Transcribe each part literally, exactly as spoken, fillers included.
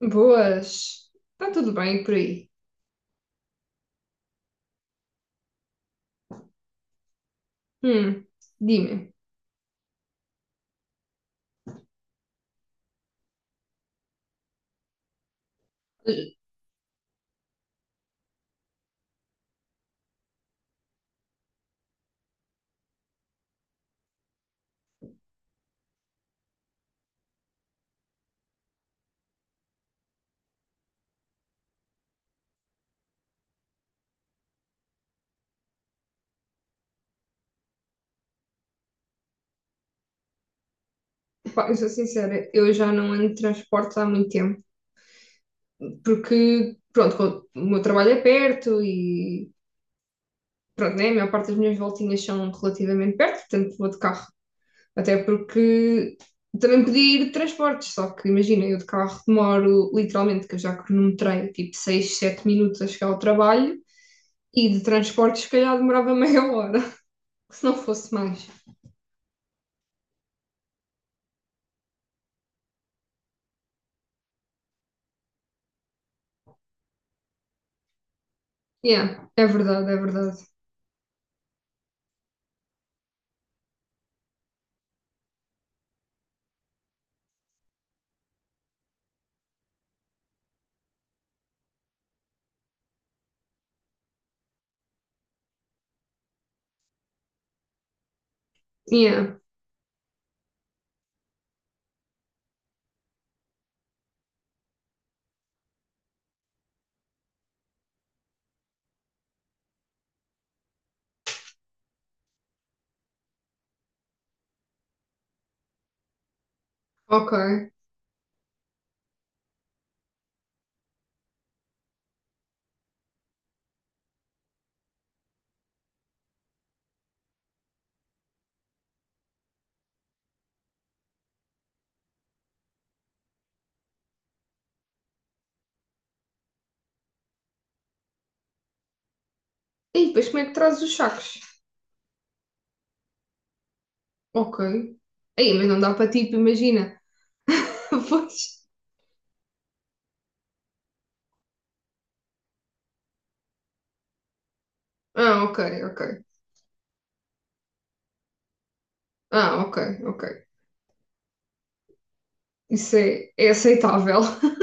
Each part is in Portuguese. Boas. Está tudo bem por aí? Hum, Dime. Pá, eu sou sincera, eu já não ando de transportes há muito tempo, porque, pronto, o meu trabalho é perto e, pronto, né, a maior parte das minhas voltinhas são relativamente perto, portanto vou de carro. Até porque também podia ir de transportes, só que imagina, eu de carro demoro literalmente, que eu já cronometrei, tipo seis, sete minutos a chegar ao trabalho e de transportes, se calhar demorava meia hora, se não fosse mais. Yeah, é verdade, é verdade. Yeah, ok. E depois como é que trazes os sacos? Ok. Aí, mas não dá para tipo, imagina. Pois. Ah, ok, ok. Ah, ok, ok. Isso é, é aceitável.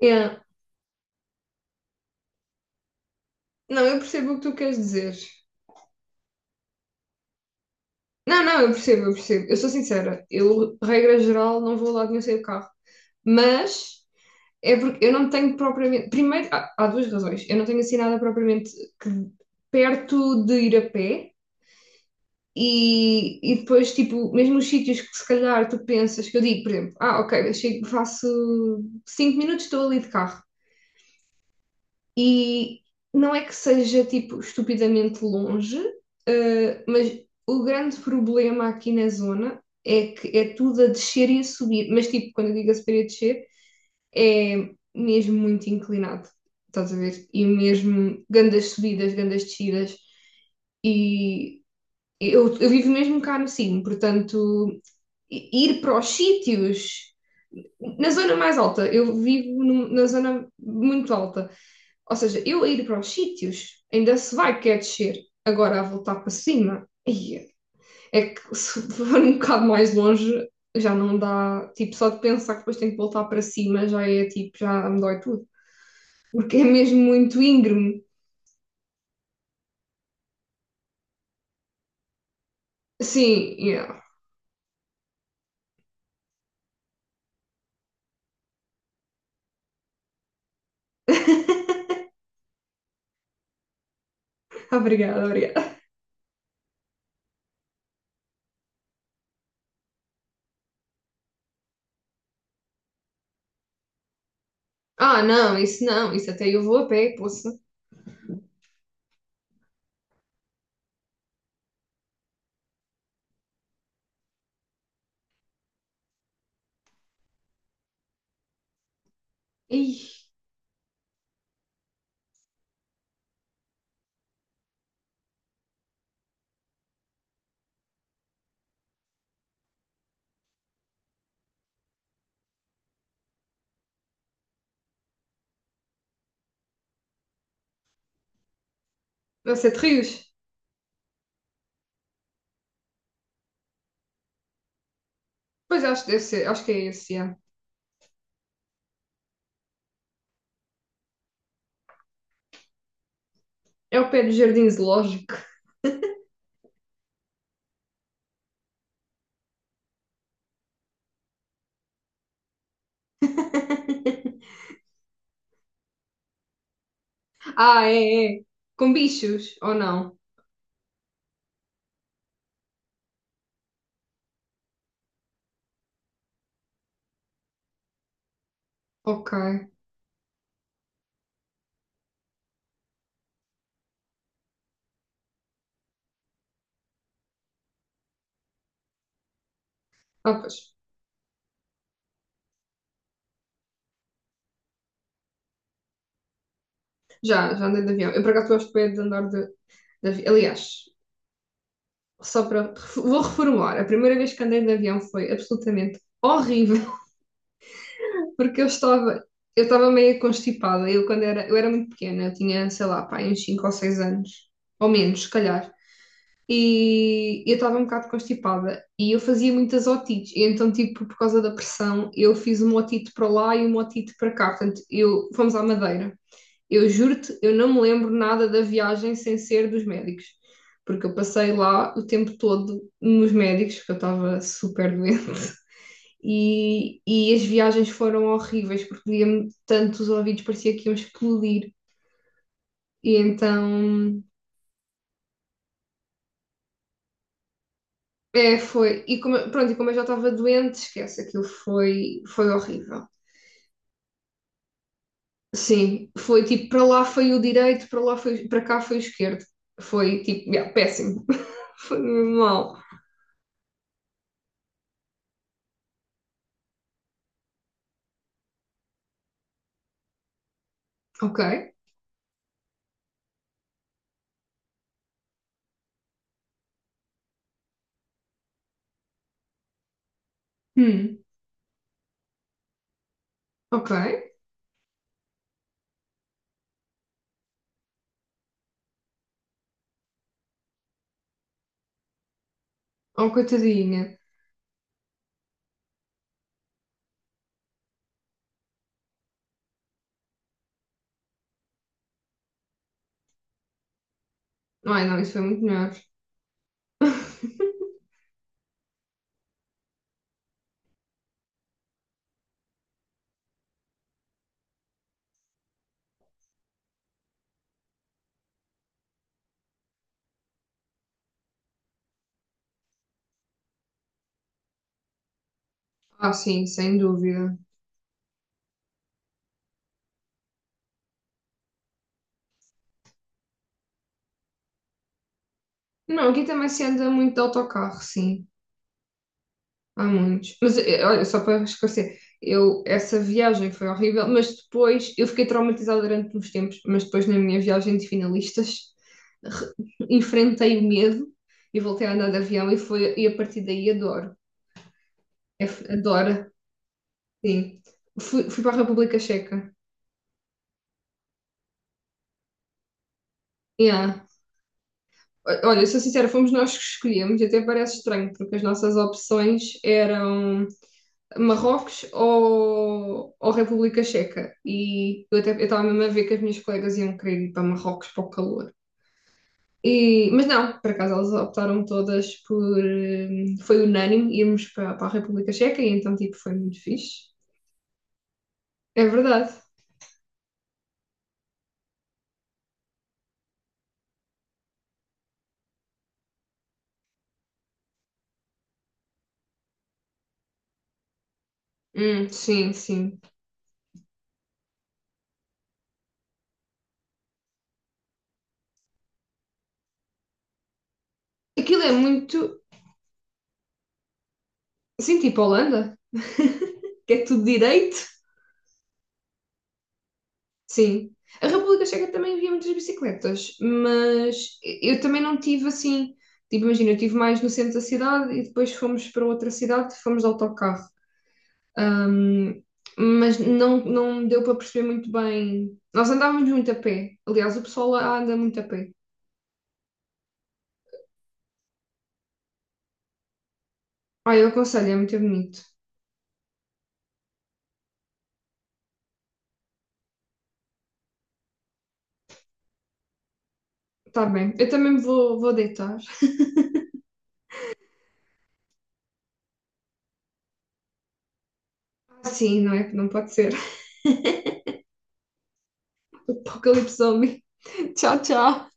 Yeah. Não, eu percebo o que tu queres dizer. Não, não, eu percebo, eu percebo. Eu sou sincera. Eu, regra geral, não vou lá de nenhum sem o carro. Mas é porque eu não tenho propriamente. Primeiro, há, há duas razões. Eu não tenho assim nada propriamente que- perto de ir a pé. E, e depois, tipo, mesmo os sítios que se calhar tu pensas, que eu digo, por exemplo, ah, ok, eu chego, faço cinco minutos, estou ali de carro. E não é que seja, tipo, estupidamente longe, eh, mas o grande problema aqui na zona é que é tudo a descer e a subir. Mas, tipo, quando eu digo a subir e a descer, é mesmo muito inclinado, estás a ver? E mesmo grandes subidas, grandes descidas. E eu, eu vivo mesmo cá no Sino, portanto, i- ir para os sítios. Na zona mais alta, eu vivo num- na zona muito alta. Ou seja, eu a ir para os sítios ainda se vai quer descer. Agora a voltar para cima, aí é que se for um bocado mais longe já não dá. Tipo, só de pensar que depois tenho que voltar para cima já é tipo, já me dói tudo. Porque é mesmo muito íngreme. Sim, yeah. Obrigada, obrigada. Ah, não, isso não, isso até eu vou a pé, poça. Ih, vai ser de rios. Pois acho que deve ser, acho que é esse, já. É o pé do jardim zoológico. Ah, é, é. Com bichos, ou não? Ok. Ah, pois. Já, já andei de avião. Eu por acaso gosto bem de andar de, de avião. Aliás, só para. ref- Vou reformular. A primeira vez que andei de avião foi absolutamente horrível, porque eu estava. Eu estava meio constipada. Eu, quando era, eu era muito pequena, eu tinha, sei lá, pá, uns cinco ou seis anos. Ou menos, se calhar. E eu estava um bocado constipada e eu fazia muitas otites, e então, tipo, por causa da pressão, eu fiz uma otite para lá e uma otite para cá, portanto, eu, fomos à Madeira. Eu juro-te, eu não me lembro nada da viagem sem ser dos médicos, porque eu passei lá o tempo todo nos médicos, porque eu estava super doente. E, e as viagens foram horríveis, porque doía-me tanto os ouvidos, parecia que iam explodir. E então. É, foi. E como, pronto, e como eu já estava doente, esquece, aquilo foi, foi horrível. Sim, foi tipo, para lá foi o direito, para lá foi, para cá foi o esquerdo. Foi tipo, yeah, péssimo. Foi mesmo mal. Ok. Hum, ok. Oh, coitadinha. Ai, não, isso foi muito melhor. Ah, sim, sem dúvida. Não, aqui também se anda muito de autocarro, sim. Há muitos. Mas eh, olha, só para esclarecer, eu, essa viagem foi horrível, mas depois eu fiquei traumatizada durante uns tempos, mas depois na minha viagem de finalistas re- enfrentei o medo e voltei a andar de avião e, foi, e a partir daí adoro. É f- adoro, sim. Fui, fui para a República Checa. Yeah. O- Olha, sou sincera, fomos nós que escolhemos, e até parece estranho, porque as nossas opções eram. Marrocos ou, ou República Checa. E eu até eu estava mesmo a ver que as minhas colegas iam querer ir para Marrocos para o calor. E, mas não, por acaso elas optaram todas por. hum, Foi unânime irmos para, para a República Checa e então, tipo, foi muito fixe. É verdade. Hum, sim, sim. Aquilo é muito. Sim, tipo Holanda, que é tudo direito. Sim. A República Checa também havia muitas bicicletas, mas eu também não tive assim. Tipo, imagina, eu estive mais no centro da cidade e depois fomos para outra cidade, fomos de autocarro. Ahm, mas não, não deu para perceber muito bem. Nós andávamos muito a pé. Aliás, o pessoal lá anda muito a pé. Ah, eu aconselho, é muito bonito. Tá bem. Eu também me vou, vou deitar. Ah, sim, não é? Não pode ser. Apocalipse Zombie. Tchau, tchau.